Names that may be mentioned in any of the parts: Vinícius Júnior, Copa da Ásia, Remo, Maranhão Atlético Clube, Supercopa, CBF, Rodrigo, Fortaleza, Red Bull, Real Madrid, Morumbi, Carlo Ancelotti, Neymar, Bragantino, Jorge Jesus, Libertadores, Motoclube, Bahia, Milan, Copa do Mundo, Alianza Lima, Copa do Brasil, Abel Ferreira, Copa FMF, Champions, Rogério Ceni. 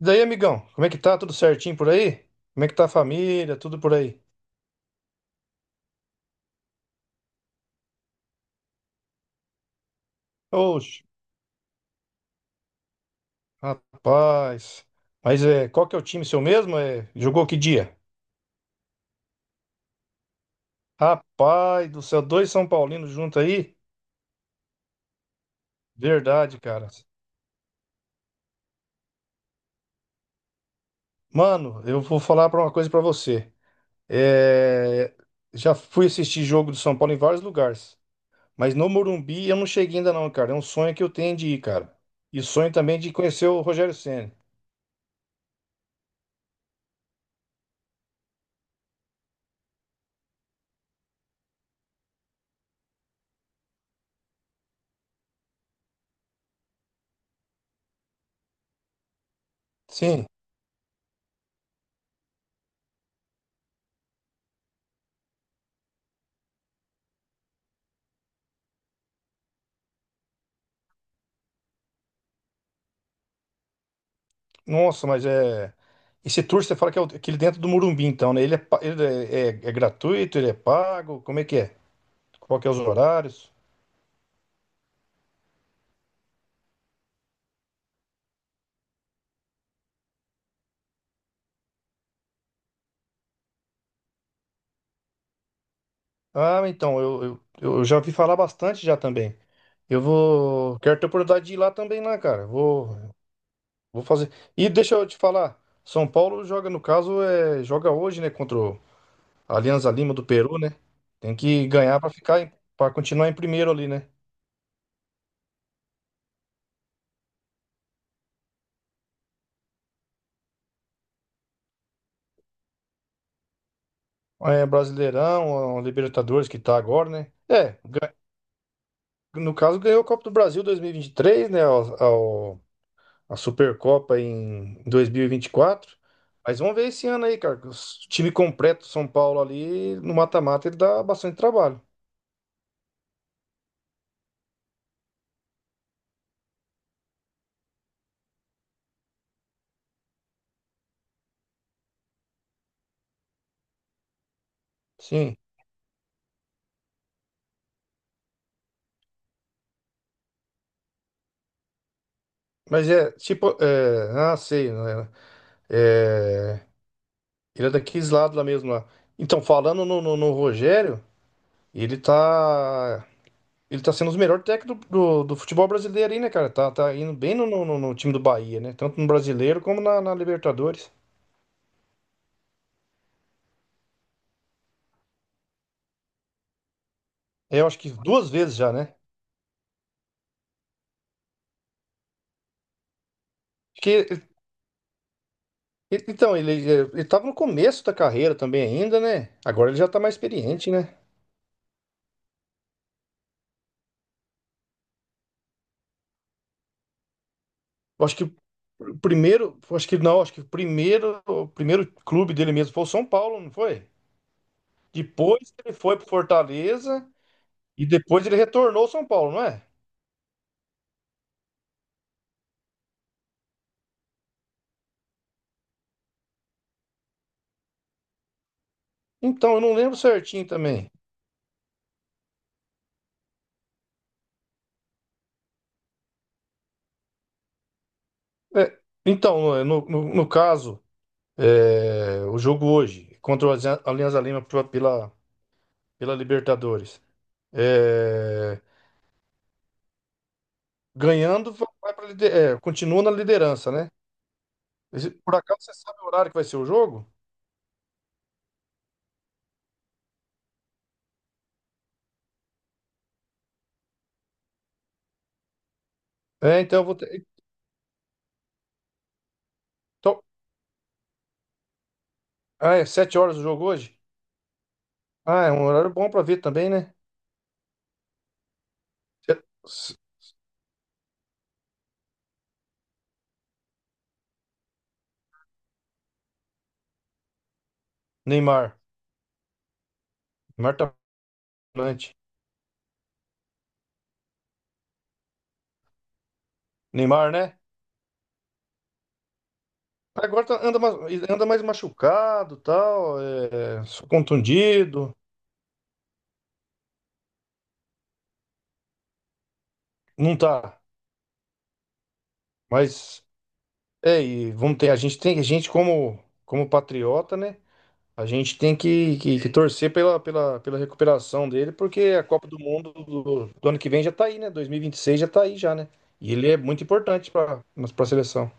E daí, amigão, como é que tá? Tudo certinho por aí? Como é que tá a família? Tudo por aí? Oxe, rapaz. Mas é, qual que é o time seu mesmo? É, jogou que dia? Rapaz do céu, dois São Paulinos junto aí? Verdade, cara. Mano, eu vou falar pra uma coisa pra você. É, já fui assistir jogo do São Paulo em vários lugares, mas no Morumbi eu não cheguei ainda não, cara. É um sonho que eu tenho de ir, cara. E sonho também de conhecer o Rogério Ceni. Sim. Nossa, mas é. Esse tour você fala que é aquele dentro do Morumbi, então, né? Ele, é, ele é, é gratuito, ele é pago? Como é que é? Qual que é os horários? Ah, então, eu, eu já ouvi falar bastante já também. Eu vou. Quero ter oportunidade de ir lá também, lá, cara. Vou fazer. E deixa eu te falar, São Paulo joga, no caso, é, joga hoje, né? Contra o Alianza Lima do Peru, né? Tem que ganhar pra ficar, pra continuar em primeiro ali, né? É, Brasileirão, ó, Libertadores que tá agora, né? É. No caso, ganhou o Copa do Brasil 2023, né? A Supercopa em 2024. Mas vamos ver esse ano aí, cara. Que O time completo do São Paulo ali no mata-mata ele dá bastante trabalho. Sim. Mas é tipo. É, ah, sei, né? É, ele é daqueles lados lá mesmo lá. Então, falando no Rogério, ele tá. Ele tá sendo os melhores técnicos do futebol brasileiro aí, né, cara? Tá indo bem no time do Bahia, né? Tanto no brasileiro como na Libertadores. É, eu acho que duas vezes já, né? Porque, então, ele, é, ele tava no começo da carreira também ainda, né? Agora ele já tá mais experiente, né? Eu acho que o primeiro, eu acho que não, acho que o primeiro clube dele mesmo foi o São Paulo, não foi? Depois ele foi pro Fortaleza e depois ele retornou ao São Paulo, não é? Então, eu não lembro certinho também. É, então, no caso, é, o jogo hoje contra o Alianza Lima pela, pela Libertadores. É, Ganhando, vai pra é, continua na liderança, né? Por acaso você sabe o horário que vai ser o jogo? É, então eu vou ter. Então, ah, é 7 horas o jogo hoje? Ah, é um horário bom pra ver também, né? Se- se- Neymar. Neymar tá volante. Neymar, né? Anda, anda mais machucado, tal, é, contundido. Não tá. Mas é, e vamos ter, a gente tem, a gente como, como patriota, né? A gente tem que, que torcer pela, pela, pela recuperação dele, porque a Copa do Mundo do ano que vem já tá aí, né? 2026 já tá aí já, né? E ele é muito importante para a seleção.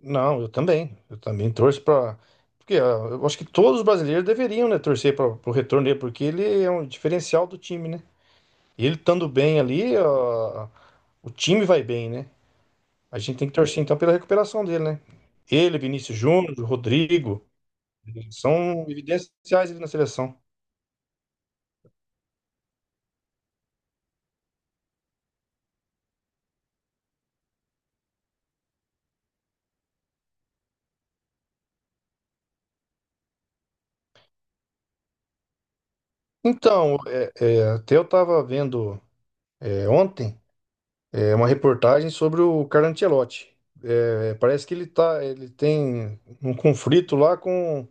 Não, eu também. Eu também torço para. Porque ah, eu acho que todos os brasileiros deveriam, né, torcer para o retorno dele, porque ele é um diferencial do time, né? Ele estando bem ali, ah, o time vai bem, né? A gente tem que torcer então pela recuperação dele, né? Ele, Vinícius Júnior, Rodrigo, são evidenciais ali na seleção. Então, é, até eu estava vendo é, ontem é, uma reportagem sobre o Carlo Ancelotti. É, parece que ele tá, ele tem um conflito lá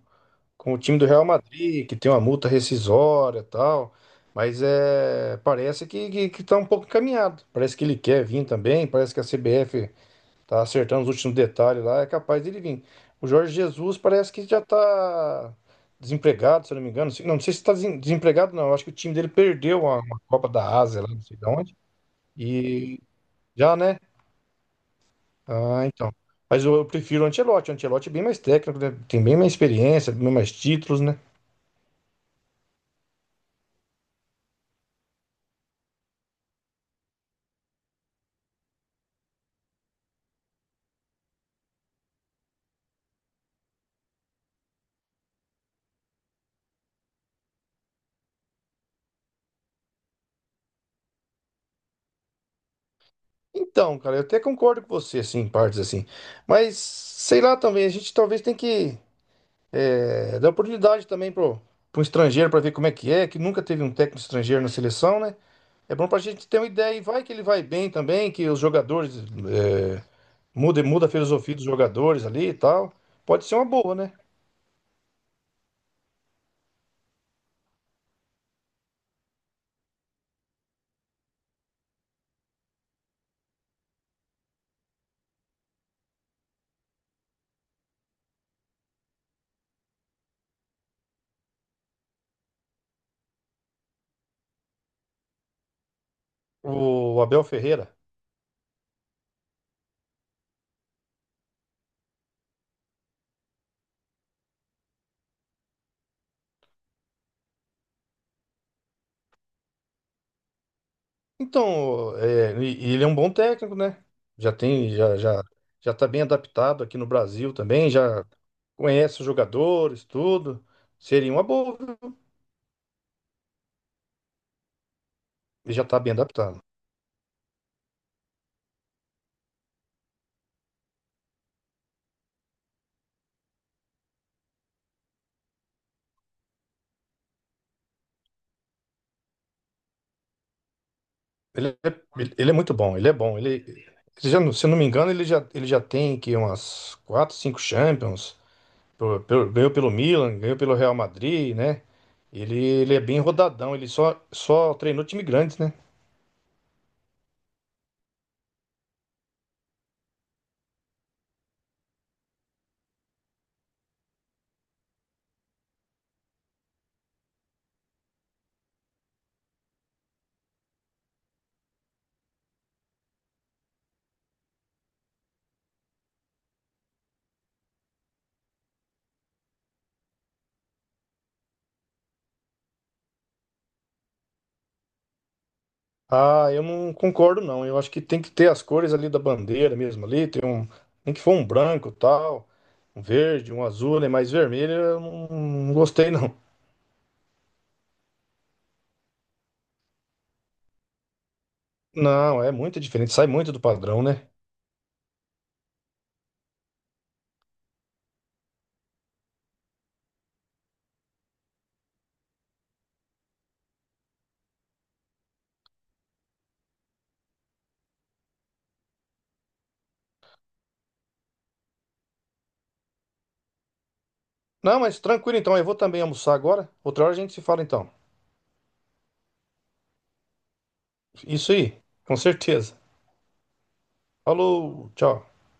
com o time do Real Madrid, que tem uma multa rescisória e tal. Mas é, parece que tá um pouco encaminhado. Parece que ele quer vir também, parece que a CBF tá acertando os últimos detalhes lá, é capaz dele vir. O Jorge Jesus parece que já tá desempregado, se eu não me engano. Não, não sei se tá desempregado, não. Eu acho que o time dele perdeu uma Copa da Ásia, lá, não sei de onde. E já, né? Ah, então. Mas eu prefiro o Ancelotti. O Ancelotti é bem mais técnico, né? Tem bem mais experiência, bem mais títulos, né? Então, cara, eu até concordo com você, assim, em partes assim. Mas, sei lá também, a gente talvez tem que é, dá oportunidade também pro, pro estrangeiro para ver como é, que nunca teve um técnico estrangeiro na seleção, né? É bom pra gente ter uma ideia e vai que ele vai bem também, que os jogadores é, muda a filosofia dos jogadores ali e tal. Pode ser uma boa, né? O Abel Ferreira. Então, é, e ele é um bom técnico, né? Já tem, já tá bem adaptado aqui no Brasil também, já conhece os jogadores, tudo. Seria uma boa, viu? Ele já tá bem adaptado. Ele é, ele é muito bom, ele é bom. Ele já, se eu não me engano, ele já tem que umas 4, 5 Champions. Pô, ganhou pelo Milan, ganhou pelo Real Madrid, né? Ele é bem rodadão, ele só treinou time grande, né? Ah, eu não concordo, não. Eu acho que tem que ter as cores ali da bandeira mesmo ali. Tem um, tem que for um branco tal, um verde, um azul, né? Mas vermelho eu não, não gostei, não. Não, é muito diferente, sai muito do padrão, né? Não, mas tranquilo então. Eu vou também almoçar agora. Outra hora a gente se fala então. Isso aí, com certeza. Falou, tchau.